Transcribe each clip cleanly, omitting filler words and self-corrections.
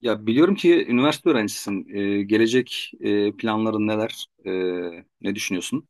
Ya biliyorum ki üniversite öğrencisisin. Gelecek planların neler? Ne düşünüyorsun?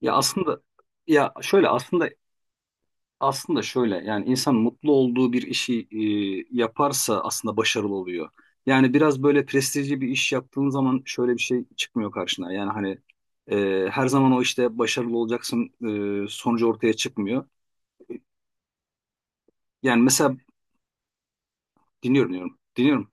Ya aslında ya şöyle aslında aslında şöyle yani insan mutlu olduğu bir işi yaparsa aslında başarılı oluyor. Yani biraz böyle prestijli bir iş yaptığın zaman şöyle bir şey çıkmıyor karşına. Yani hani her zaman o işte başarılı olacaksın sonucu ortaya çıkmıyor. Yani mesela dinliyorum diyorum. Dinliyorum.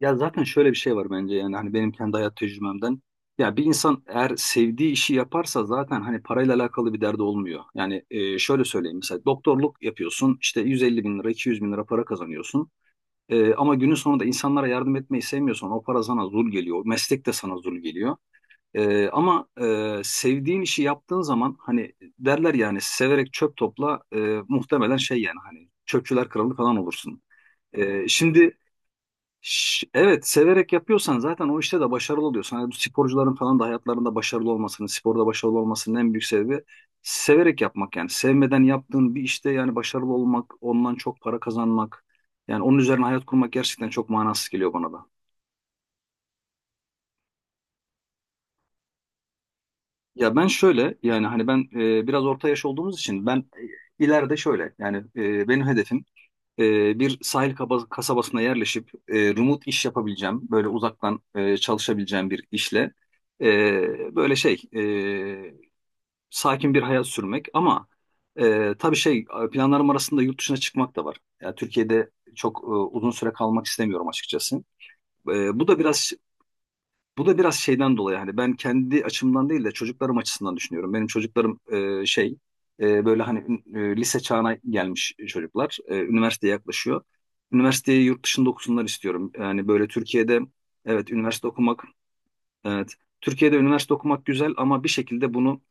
Ya zaten şöyle bir şey var bence yani hani benim kendi hayat tecrübemden. Ya bir insan eğer sevdiği işi yaparsa zaten hani parayla alakalı bir derdi olmuyor. Yani şöyle söyleyeyim, mesela doktorluk yapıyorsun, işte 150 bin lira 200 bin lira para kazanıyorsun. Ama günün sonunda insanlara yardım etmeyi sevmiyorsan o para sana zul geliyor. O meslek de sana zul geliyor. Ama sevdiğin işi yaptığın zaman hani derler yani severek çöp topla, muhtemelen şey yani hani çöpçüler kralı falan olursun. Şimdi... Evet, severek yapıyorsan zaten o işte de başarılı oluyorsun. Hani bu sporcuların falan da hayatlarında başarılı olmasının, sporda başarılı olmasının en büyük sebebi severek yapmak yani. Sevmeden yaptığın bir işte yani başarılı olmak, ondan çok para kazanmak, yani onun üzerine hayat kurmak gerçekten çok manasız geliyor bana da. Ya ben şöyle yani hani ben biraz orta yaş olduğumuz için ben ileride şöyle yani benim hedefim bir sahil kasabasına yerleşip remote iş yapabileceğim, böyle uzaktan çalışabileceğim bir işle e, böyle şey sakin bir hayat sürmek, ama tabii şey planlarım arasında yurt dışına çıkmak da var. Yani Türkiye'de çok uzun süre kalmak istemiyorum açıkçası. E, bu da biraz bu da biraz şeyden dolayı, hani ben kendi açımdan değil de çocuklarım açısından düşünüyorum. Benim çocuklarım e, şey böyle hani lise çağına gelmiş çocuklar. Üniversiteye yaklaşıyor. Üniversiteyi yurt dışında okusunlar istiyorum. Yani böyle Türkiye'de, evet, üniversite okumak, evet, Türkiye'de üniversite okumak güzel ama bir şekilde bunu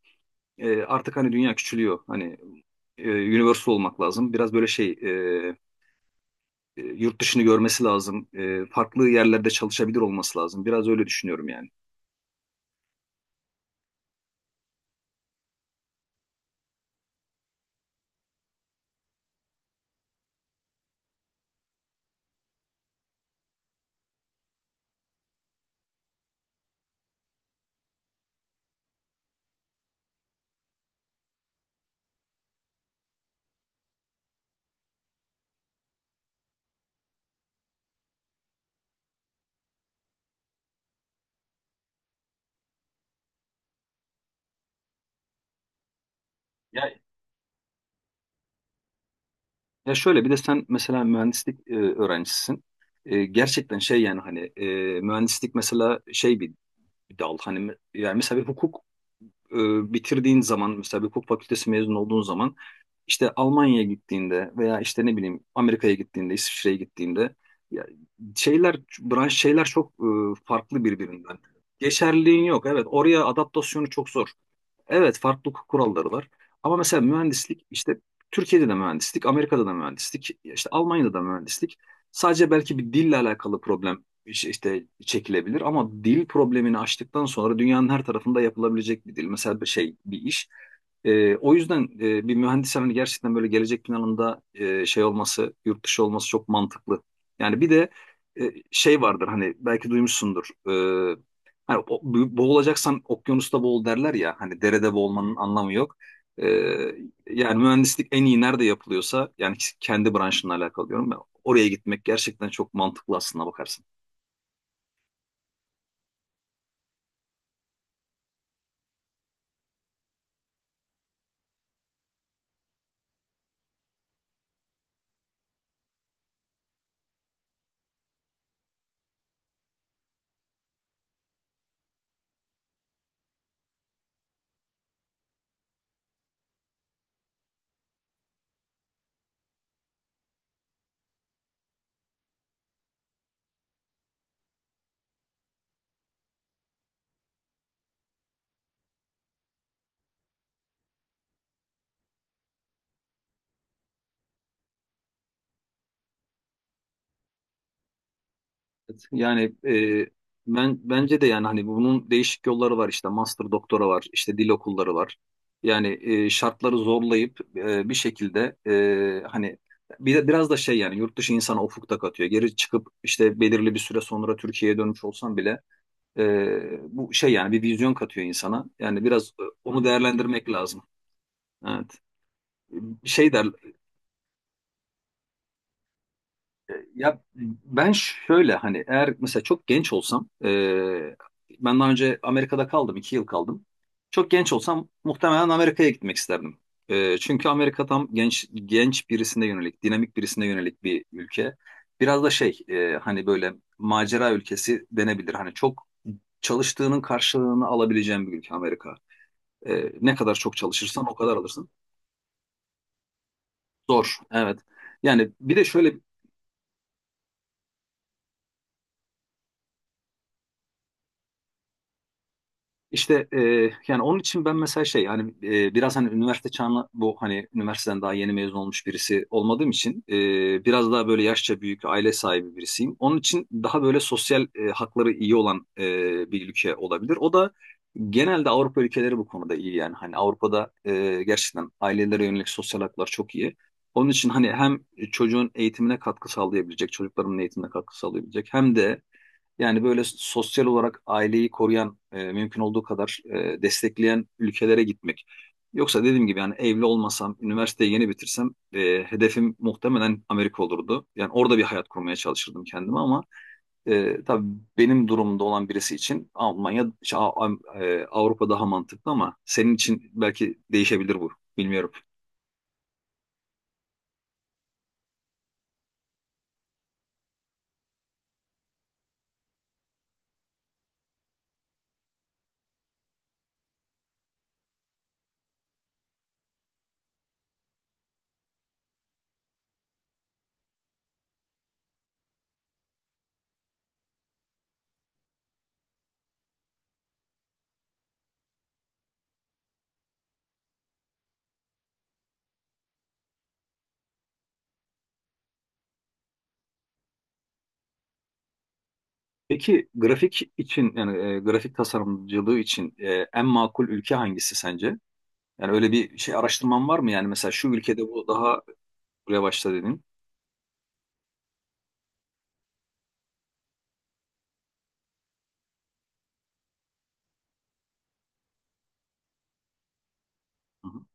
artık hani dünya küçülüyor. Hani universal olmak lazım. Biraz böyle yurt dışını görmesi lazım. Farklı yerlerde çalışabilir olması lazım. Biraz öyle düşünüyorum yani. Ya, şöyle bir de sen mesela mühendislik öğrencisisin. Gerçekten şey yani hani mühendislik mesela şey bir dal, hani yani mesela bir hukuk e, bitirdiğin zaman, mesela bir hukuk fakültesi mezun olduğun zaman işte Almanya'ya gittiğinde veya işte ne bileyim Amerika'ya gittiğinde, İsviçre'ye gittiğinde, ya, şeyler branş şeyler çok farklı birbirinden. Geçerliliğin yok. Evet, oraya adaptasyonu çok zor. Evet, farklı hukuk kuralları var. Ama mesela mühendislik, işte Türkiye'de de mühendislik, Amerika'da da mühendislik, işte Almanya'da da mühendislik. Sadece belki bir dille alakalı problem işte çekilebilir ama dil problemini aştıktan sonra dünyanın her tarafında yapılabilecek bir dil. Mesela bir şey bir iş. O yüzden bir mühendis hani gerçekten böyle gelecek planında şey olması, yurt dışı olması çok mantıklı. Yani bir de şey vardır hani, belki duymuşsundur. Hani boğulacaksan okyanusta boğul derler ya. Hani derede boğulmanın anlamı yok. Ee, yani mühendislik en iyi nerede yapılıyorsa, yani kendi branşınla alakalı diyorum ben. Oraya gitmek gerçekten çok mantıklı, aslında bakarsın. Evet. Yani ben bence de yani hani bunun değişik yolları var, işte master doktora var, işte dil okulları var. Yani şartları zorlayıp bir şekilde hani bir de biraz da şey, yani yurt dışı insana ufuk da katıyor. Geri çıkıp işte belirli bir süre sonra Türkiye'ye dönmüş olsan bile, bu şey yani bir vizyon katıyor insana. Yani biraz onu değerlendirmek lazım. Evet. Bir şey der. Ya ben şöyle hani, eğer mesela çok genç olsam, ben daha önce Amerika'da kaldım, iki yıl kaldım. Çok genç olsam muhtemelen Amerika'ya gitmek isterdim. Çünkü Amerika tam genç genç birisine yönelik, dinamik birisine yönelik bir ülke. Biraz da şey hani böyle macera ülkesi denebilir. Hani çok çalıştığının karşılığını alabileceğim bir ülke Amerika. Ne kadar çok çalışırsan o kadar alırsın. Zor, evet. Yani bir de şöyle. İşte, yani onun için ben mesela şey hani biraz hani üniversite çağına, bu hani üniversiteden daha yeni mezun olmuş birisi olmadığım için biraz daha böyle yaşça büyük aile sahibi birisiyim. Onun için daha böyle sosyal hakları iyi olan bir ülke olabilir. O da genelde Avrupa ülkeleri, bu konuda iyi yani, hani Avrupa'da gerçekten ailelere yönelik sosyal haklar çok iyi. Onun için hani hem çocuğun eğitimine katkı sağlayabilecek, çocuklarımın eğitimine katkı sağlayabilecek hem de yani böyle sosyal olarak aileyi koruyan, mümkün olduğu kadar destekleyen ülkelere gitmek. Yoksa dediğim gibi, yani evli olmasam, üniversiteyi yeni bitirsem hedefim muhtemelen Amerika olurdu. Yani orada bir hayat kurmaya çalışırdım kendime, ama tabii benim durumda olan birisi için Almanya, şey, Avrupa daha mantıklı, ama senin için belki değişebilir bu. Bilmiyorum. Peki, grafik için yani grafik tasarımcılığı için en makul ülke hangisi sence? Yani öyle bir şey araştırman var mı? Yani mesela şu ülkede bu daha revaçta dedin. Hı hı.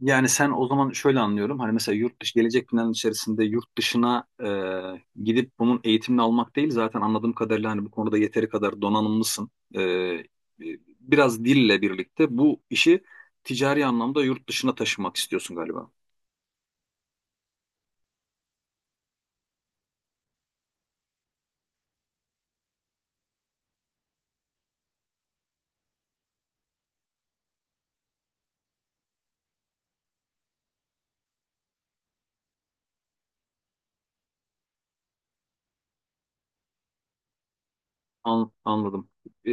Yani sen o zaman şöyle anlıyorum. Hani mesela yurt dışı gelecek planın içerisinde yurt dışına gidip bunun eğitimini almak değil. Zaten anladığım kadarıyla hani bu konuda yeteri kadar donanımlısın. Biraz dille birlikte bu işi ticari anlamda yurt dışına taşımak istiyorsun galiba. Anladım. Ee,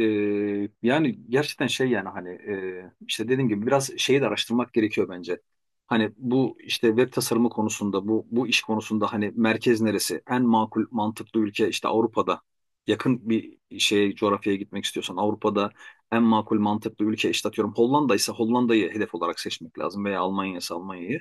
yani gerçekten şey yani hani işte dediğim gibi biraz şeyi de araştırmak gerekiyor bence. Hani bu işte web tasarımı konusunda, bu iş konusunda hani merkez neresi? En makul mantıklı ülke işte Avrupa'da. Yakın bir şeye, coğrafyaya gitmek istiyorsan, Avrupa'da en makul mantıklı ülke işte, atıyorum, Hollanda ise Hollanda'yı hedef olarak seçmek lazım veya Almanya ise Almanya'yı.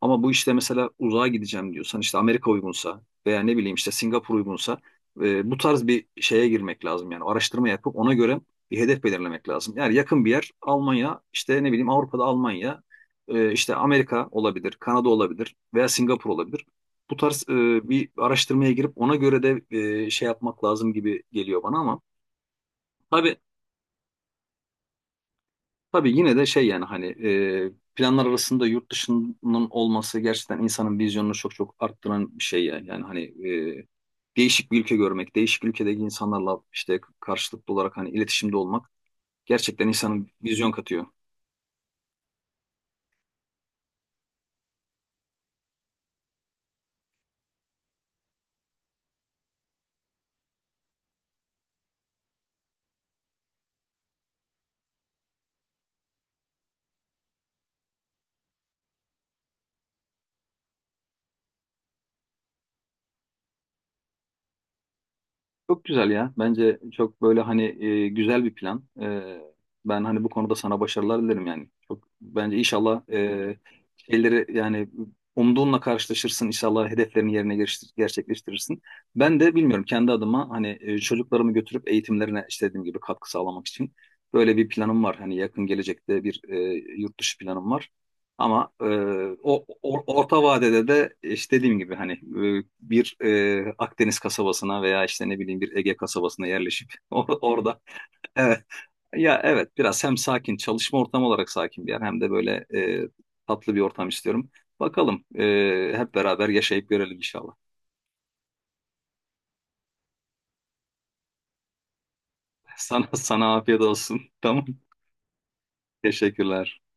Ama bu işte mesela uzağa gideceğim diyorsan, işte Amerika uygunsa veya ne bileyim işte Singapur uygunsa, bu tarz bir şeye girmek lazım, yani araştırma yapıp ona göre bir hedef belirlemek lazım. Yani yakın bir yer Almanya, işte ne bileyim Avrupa'da Almanya, işte Amerika olabilir, Kanada olabilir veya Singapur olabilir. Bu tarz bir araştırmaya girip ona göre de şey yapmak lazım gibi geliyor bana, ama tabii Tabii yine de şey yani, hani planlar arasında yurt dışının olması gerçekten insanın vizyonunu çok çok arttıran bir şey yani. Yani hani e, değişik bir ülke görmek, değişik ülkedeki insanlarla işte karşılıklı olarak hani iletişimde olmak gerçekten insanın vizyon katıyor. Çok güzel ya. Bence çok böyle hani güzel bir plan. Ben hani bu konuda sana başarılar dilerim yani. Çok bence inşallah şeyleri yani umduğunla karşılaşırsın. İnşallah hedeflerini yerine gerçekleştirirsin. Ben de bilmiyorum kendi adıma, hani çocuklarımı götürüp eğitimlerine işte dediğim gibi katkı sağlamak için böyle bir planım var. Hani yakın gelecekte bir yurt dışı planım var. Ama orta vadede de işte dediğim gibi hani bir Akdeniz kasabasına veya işte ne bileyim bir Ege kasabasına yerleşip orada, evet, ya, evet, biraz hem sakin çalışma ortamı olarak sakin bir yer, hem de böyle tatlı bir ortam istiyorum. Bakalım hep beraber yaşayıp görelim inşallah. Sana afiyet olsun. Tamam. Teşekkürler.